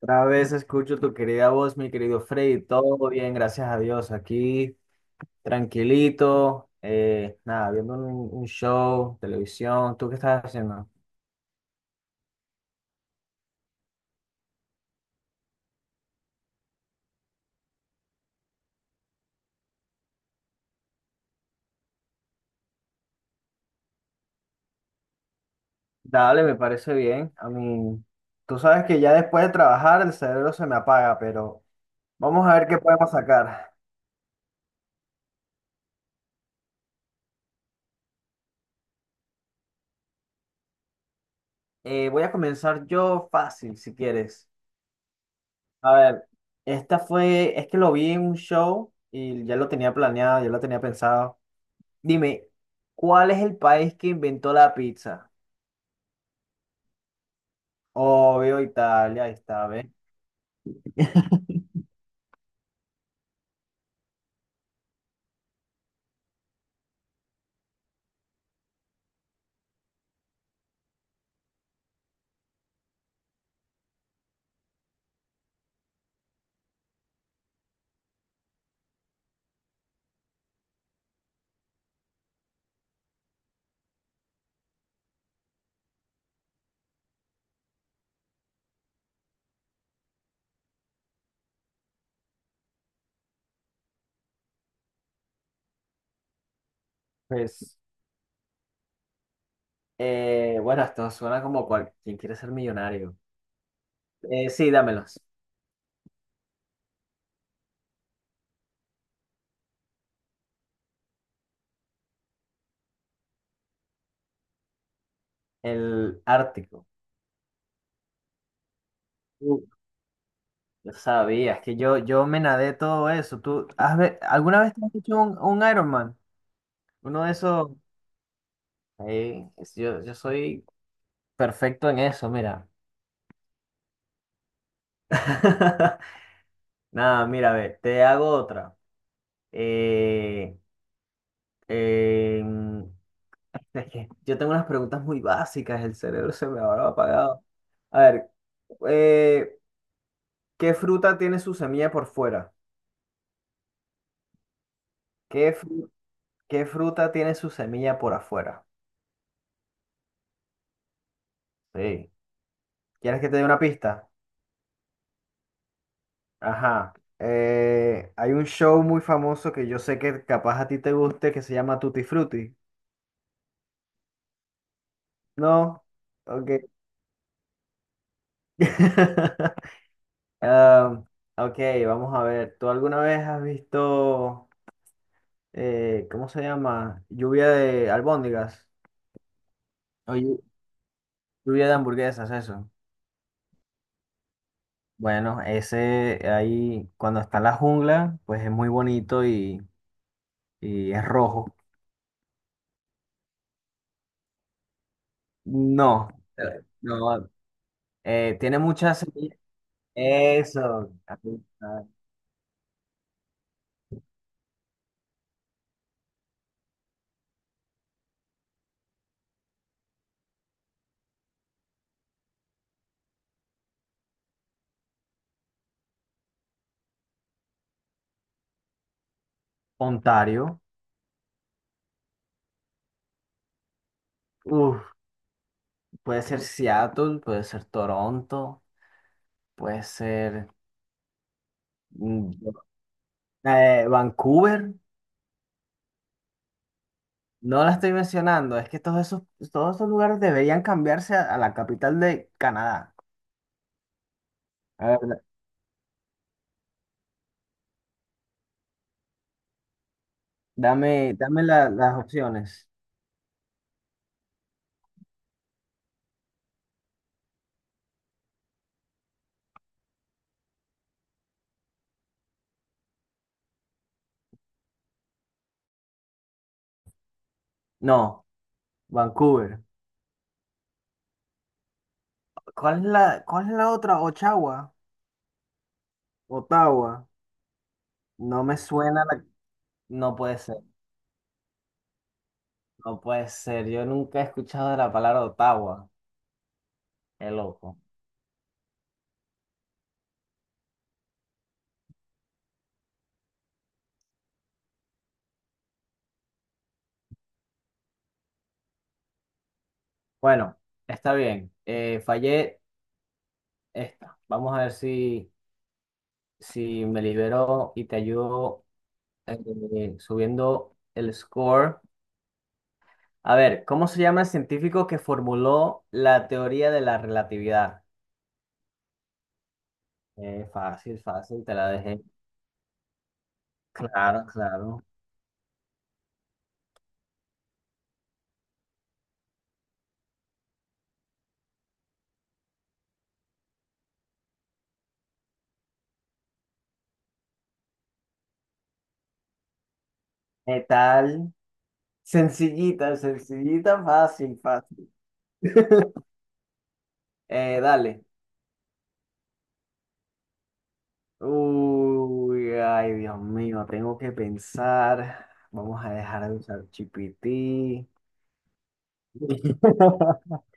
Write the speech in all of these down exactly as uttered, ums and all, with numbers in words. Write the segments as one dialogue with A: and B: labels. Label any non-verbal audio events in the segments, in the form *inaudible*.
A: Otra vez escucho tu querida voz, mi querido Freddy. Todo bien, gracias a Dios. Aquí, tranquilito. Eh, nada, viendo un, un show, televisión. ¿Tú qué estás haciendo? Dale, me parece bien. A mí, tú sabes que ya después de trabajar el cerebro se me apaga, pero vamos a ver qué podemos sacar. Eh, voy a comenzar yo fácil, si quieres. A ver, esta fue, es que lo vi en un show y ya lo tenía planeado, ya lo tenía pensado. Dime, ¿cuál es el país que inventó la pizza? Obvio, Italia, ahí está, ¿ves? Pues, eh, bueno, esto suena como cual, ¿quién quiere ser millonario? Eh, sí, dámelos. El Ártico. Uh, Yo sabía, es que yo, yo me nadé todo eso. ¿Tú has ve- alguna vez te has hecho un, un Ironman? Uno de esos. Eh, es- yo, yo soy perfecto en eso, mira. *laughs* Nada, mira, a ver, te hago otra. Eh, em, Es que yo tengo unas preguntas muy básicas, el cerebro se me habrá apagado. A ver, eh, ¿qué fruta tiene su semilla por fuera? ¿Qué, fru- qué fruta tiene su semilla por afuera? Sí. ¿Quieres que te dé una pista? Ajá. Eh, hay un show muy famoso que yo sé que capaz a ti te guste que se llama Tutti Frutti. ¿No? Ok. *laughs* Ah, ok, vamos a ver. ¿Tú alguna vez has visto... eh, ¿cómo se llama? Lluvia de albóndigas. O llu- lluvia de hamburguesas, eso. Bueno, ese ahí, cuando está en la jungla, pues es muy bonito y, y es rojo. No, eh, no, eh, tiene muchas semillas. Eso, aquí está. Ontario. Uf, puede ser Seattle, puede ser Toronto, puede ser mm, eh, Vancouver. No la estoy mencionando, es que todos esos, todos esos lugares deberían cambiarse a, a la capital de Canadá. A ver, da- dame, dame la- las opciones. No, Vancouver. ¿Cuál es la, cuál es la otra? Ottawa. Ottawa. No me suena la... No puede ser, no puede ser. Yo nunca he escuchado de la palabra Ottawa. Qué loco. Bueno, está bien. Eh, fallé esta. Vamos a ver si, si me libero y te ayudo eh, subiendo el score. A ver, ¿cómo se llama el científico que formuló la teoría de la relatividad? Eh, fácil, fácil, te la dejé. Claro, claro. ¿Qué tal? Sencillita, sencillita, fácil, fácil. Eh, dale. Uy, ay, Dios mío, tengo que pensar. Vamos a dejar de usar G P T. *laughs*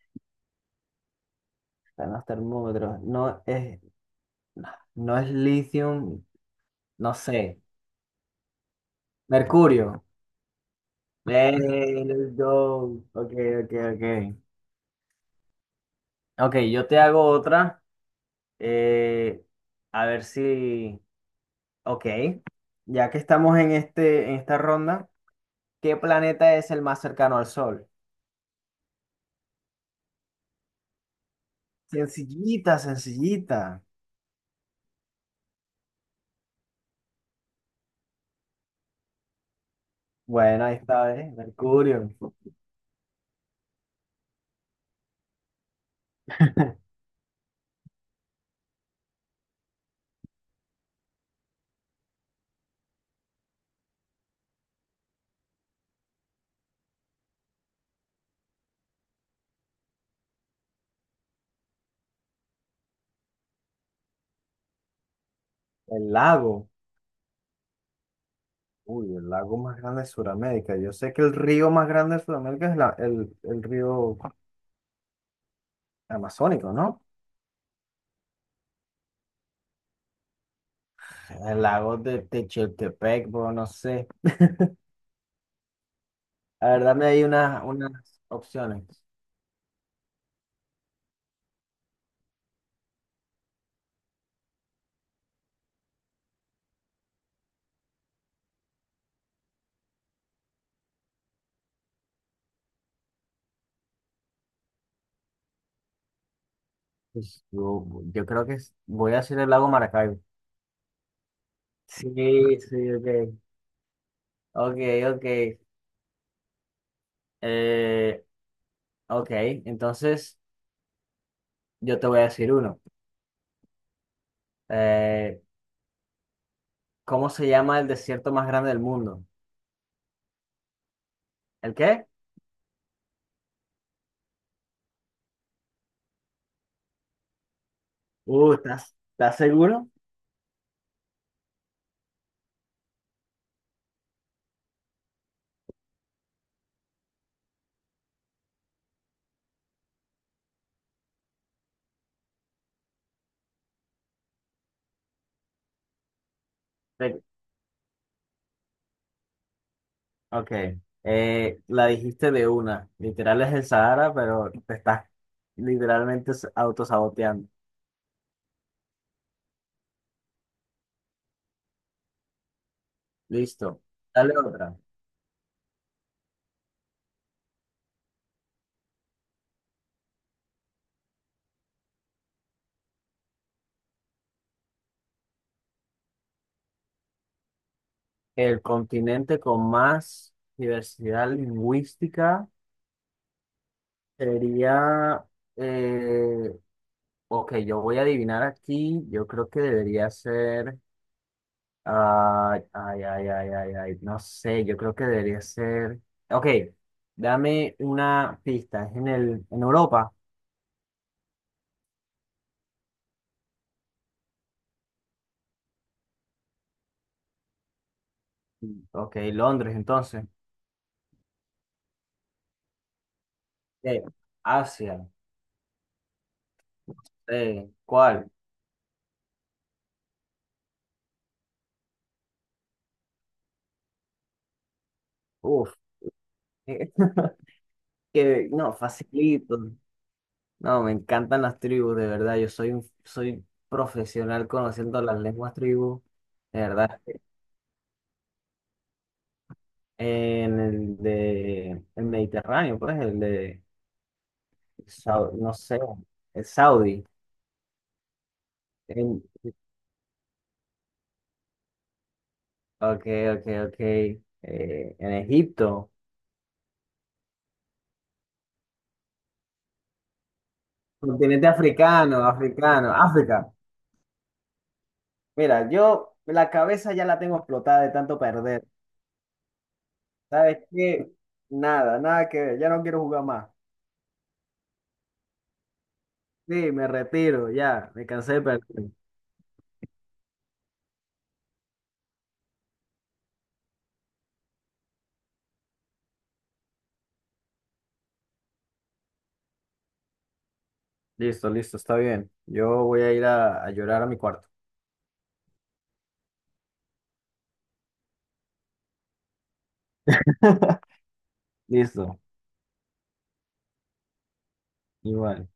A: Están los termómetros. No es, no es litio, no sé. Mercurio. Eh, let's go. Ok, ok, ok. Ok, yo te hago otra. eh, a ver si. Ok. Ya que estamos en este, en esta ronda, ¿qué planeta es el más cercano al Sol? Sencillita, sencillita. Bueno, ahí está, ¿eh? Mercurio. *laughs* El lago. Uy, el lago más grande de Sudamérica. Yo sé que el río más grande de Sudamérica es la- el, el río amazónico, ¿no? El lago de Techeltepec, bro, no sé. A ver, dame ahí unas, unas opciones. Pues, yo, yo creo que es- voy a decir el lago Maracaibo. Sí, sí, ok. Ok, ok. Eh, ok, entonces yo te voy a decir uno. Eh, ¿Cómo se llama el desierto más grande del mundo? ¿El qué? Uh, ¿estás, estás seguro? Te- ok. Eh, la dijiste de una. Literal es el Sahara, pero te estás literalmente s- autosaboteando. Listo. Dale otra. El continente con más diversidad lingüística sería, eh, ok, yo voy a adivinar aquí, yo creo que debería ser, ay, ay, ay, ay, ay, ay, no sé, yo creo que debería ser, ok, dame una pista, es en el, en Europa, ok, Londres entonces. Eh, Asia, eh, ¿cuál? Uf, *laughs* que no, facilito. No, me encantan las tribus, de verdad. Yo soy un, soy profesional conociendo las lenguas tribus, de verdad. En el de el Mediterráneo, pues, el de Sau- no sé, el Saudi. En, ok, ok, ok. Eh, en Egipto, continente africano, africano, África. Mira, yo la cabeza ya la tengo explotada de tanto perder. ¿Sabes qué? Nada, nada que ver. Ya no quiero jugar más. Sí, me retiro, ya, me cansé de perder. Listo, listo, está bien. Yo voy a ir a, a llorar a mi cuarto. *laughs* Listo, igual.